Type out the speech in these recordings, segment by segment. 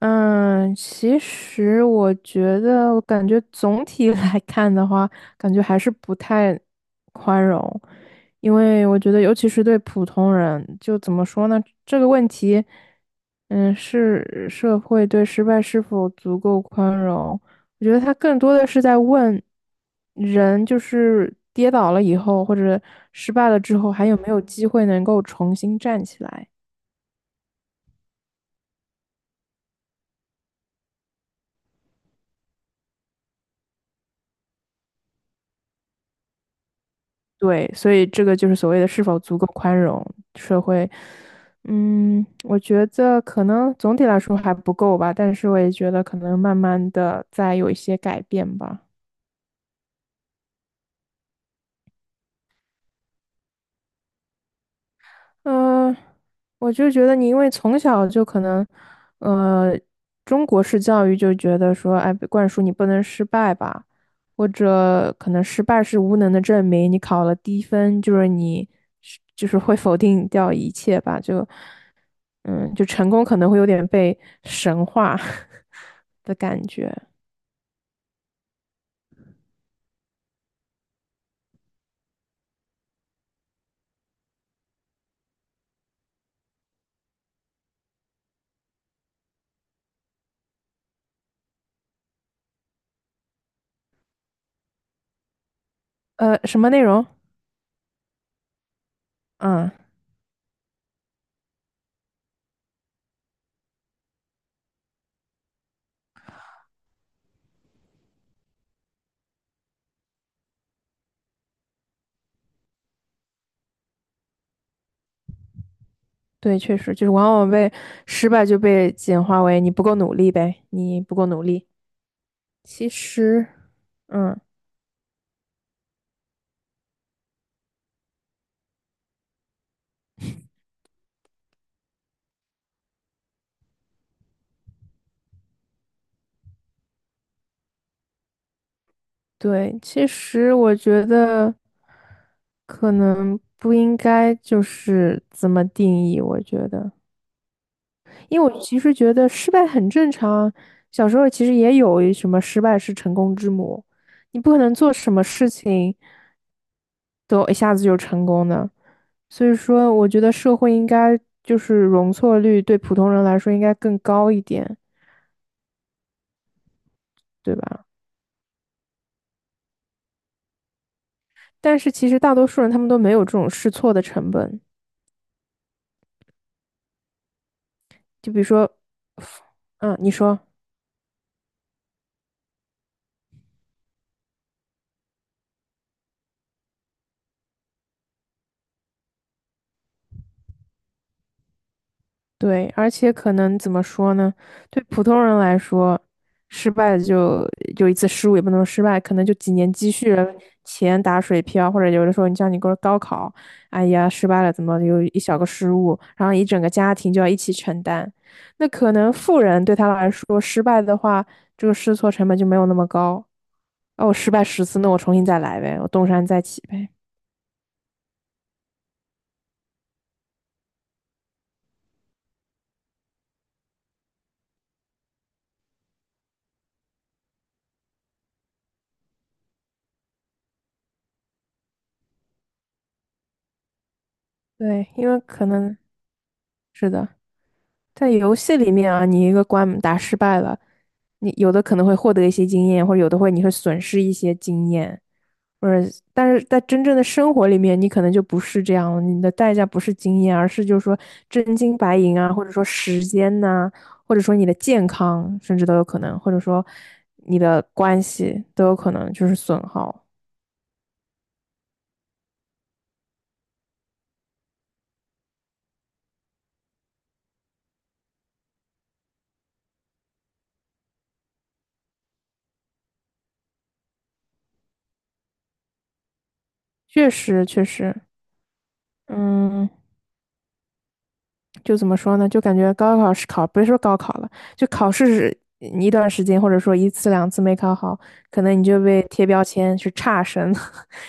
嗯，其实我觉得，我感觉总体 来看的话，感觉还是不太宽容。因为我觉得，尤其是对普通人，就怎么说呢，这个问题，嗯，是社会对失败是否足够宽容，我觉得他更多的是在问人，就是跌倒了以后，或者失败了之后，还有没有机会能够重新站起来。对，所以这个就是所谓的是否足够宽容社会。嗯，我觉得可能总体来说还不够吧，但是我也觉得可能慢慢的在有一些改变吧。嗯、我就觉得你因为从小就可能，呃，中国式教育就觉得说，哎，被灌输你不能失败吧，或者可能失败是无能的证明，你考了低分就是你是就是会否定掉一切吧，就。嗯，就成功可能会有点被神化 的感觉。呃，什么内容？嗯，对，确实就是往往被失败就被简化为你不够努力呗，你不够努力。其实，嗯，对，其实我觉得可能不应该就是怎么定义。我觉得，因为我其实觉得失败很正常，小时候其实也有什么失败是成功之母，你不可能做什么事情都一下子就成功的。所以说，我觉得社会应该就是容错率对普通人来说应该更高一点，对吧？但是其实大多数人他们都没有这种试错的成本。就比如说，嗯，你说，对，而且可能怎么说呢？对普通人来说，失败就就一次失误，也不能说失败，可能就几年积蓄的钱打水漂，或者有的时候你像你高考，哎呀失败了，怎么有一小个失误，然后一整个家庭就要一起承担。那可能富人对他来说，失败的话，这个试错成本就没有那么高。哦，我失败十次，那我重新再来呗，我东山再起呗。对，因为可能是的。在游戏里面啊，你一个关打失败了，你有的可能会获得一些经验，或者有的会你会损失一些经验，或者但是在真正的生活里面，你可能就不是这样了，你的代价不是经验，而是就是说真金白银啊，或者说时间呐、或者说你的健康，甚至都有可能，或者说你的关系都有可能就是损耗。确实，确实，嗯，就怎么说呢？就感觉高考是考，别说高考了，就考试是一段时间，或者说一次两次没考好，可能你就被贴标签是差生。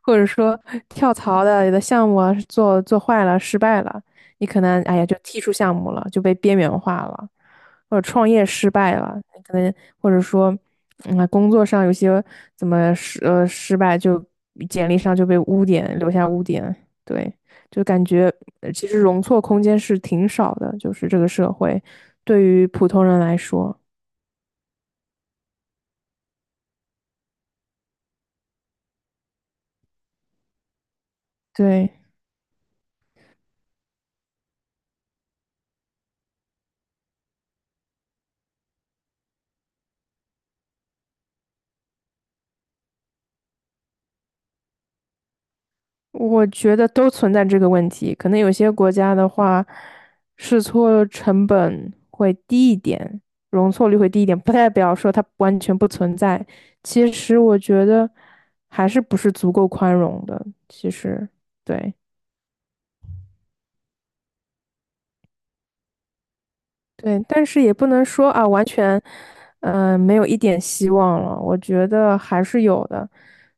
或者说跳槽的有的项目啊做做坏了失败了，你可能哎呀就踢出项目了，就被边缘化了，或者创业失败了，你可能或者说嗯工作上有些怎么失败就简历上就被污点留下污点，对，就感觉其实容错空间是挺少的，就是这个社会对于普通人来说，对。我觉得都存在这个问题，可能有些国家的话，试错成本会低一点，容错率会低一点，不代表说它完全不存在。其实我觉得还是不是足够宽容的。其实，对。对，但是也不能说啊，完全，嗯，没有一点希望了。我觉得还是有的，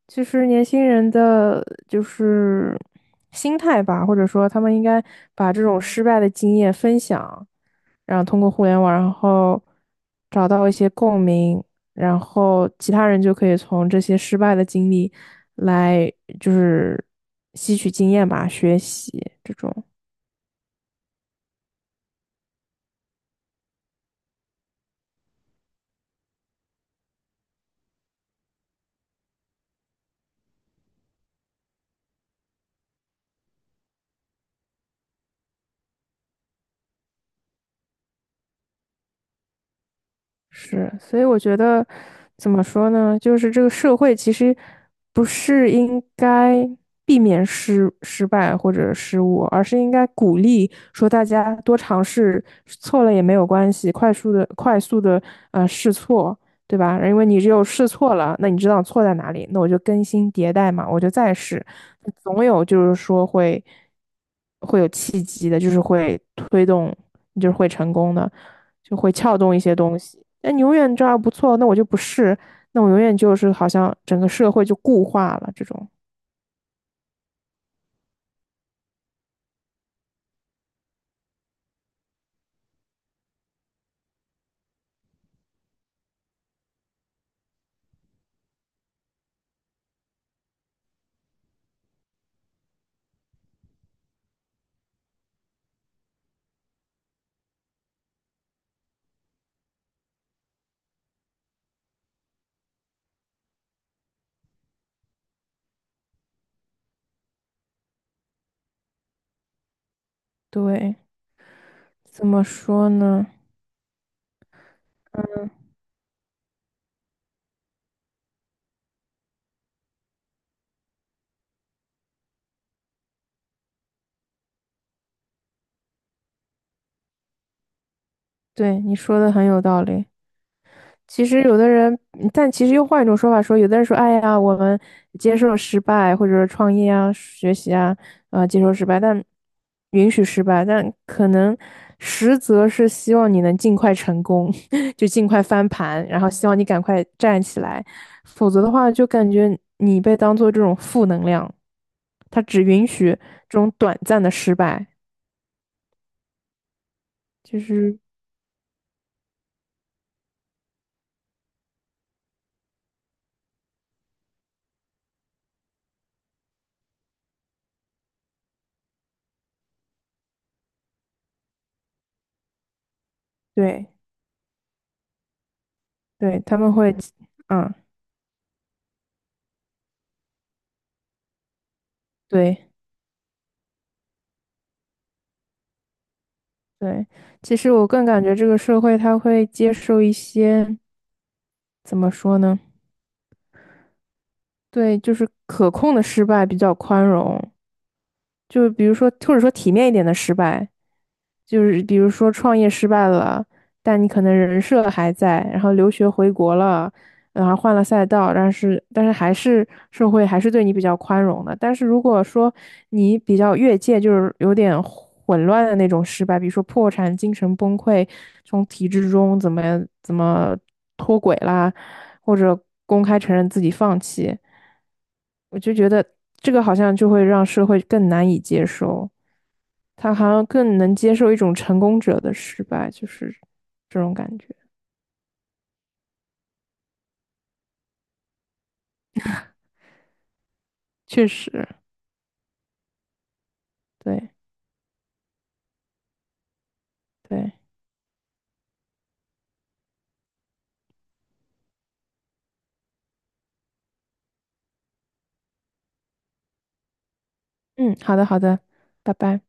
其实年轻人的，就是心态吧，或者说他们应该把这种失败的经验分享，然后通过互联网，然后找到一些共鸣，然后其他人就可以从这些失败的经历来，就是吸取经验吧，学习这种。是，所以我觉得怎么说呢，就是这个社会其实不是应该避免失败或者失误，而是应该鼓励说大家多尝试，错了也没有关系，快速的试错，对吧？因为你只有试错了，那你知道错在哪里，那我就更新迭代嘛，我就再试，总有就是说会会有契机的，就是会推动，你就是会成功的。就会撬动一些东西。那你永远这样不错，那我就不是，那我永远就是好像整个社会就固化了这种。对，怎么说呢？嗯对，你说的很有道理。其实有的人，嗯但其实又换一种说法说，有的人说，哎呀，我们接受失败，或者说创业啊、学习啊，啊，接受失败，但允许失败，但可能实则是希望你能尽快成功，就尽快翻盘，然后希望你赶快站起来，否则的话，就感觉你被当做这种负能量，他只允许这种短暂的失败，就是对对，他们会，嗯，对。对，其实我更感觉这个社会他会接受一些，怎么说呢？对，就是可控的失败比较宽容，就是比如说，或者说体面一点的失败，就是比如说创业失败了，但你可能人设还在，然后留学回国了，然后换了赛道，但是还是社会还是对你比较宽容的。但是如果说你比较越界，就是有点混乱的那种失败，比如说破产、精神崩溃，从体制中怎么怎么脱轨啦。或者公开承认自己放弃，我就觉得这个好像就会让社会更难以接受，他好像更能接受一种成功者的失败，就是这种感觉。确实，对对，嗯，好的好的，拜拜。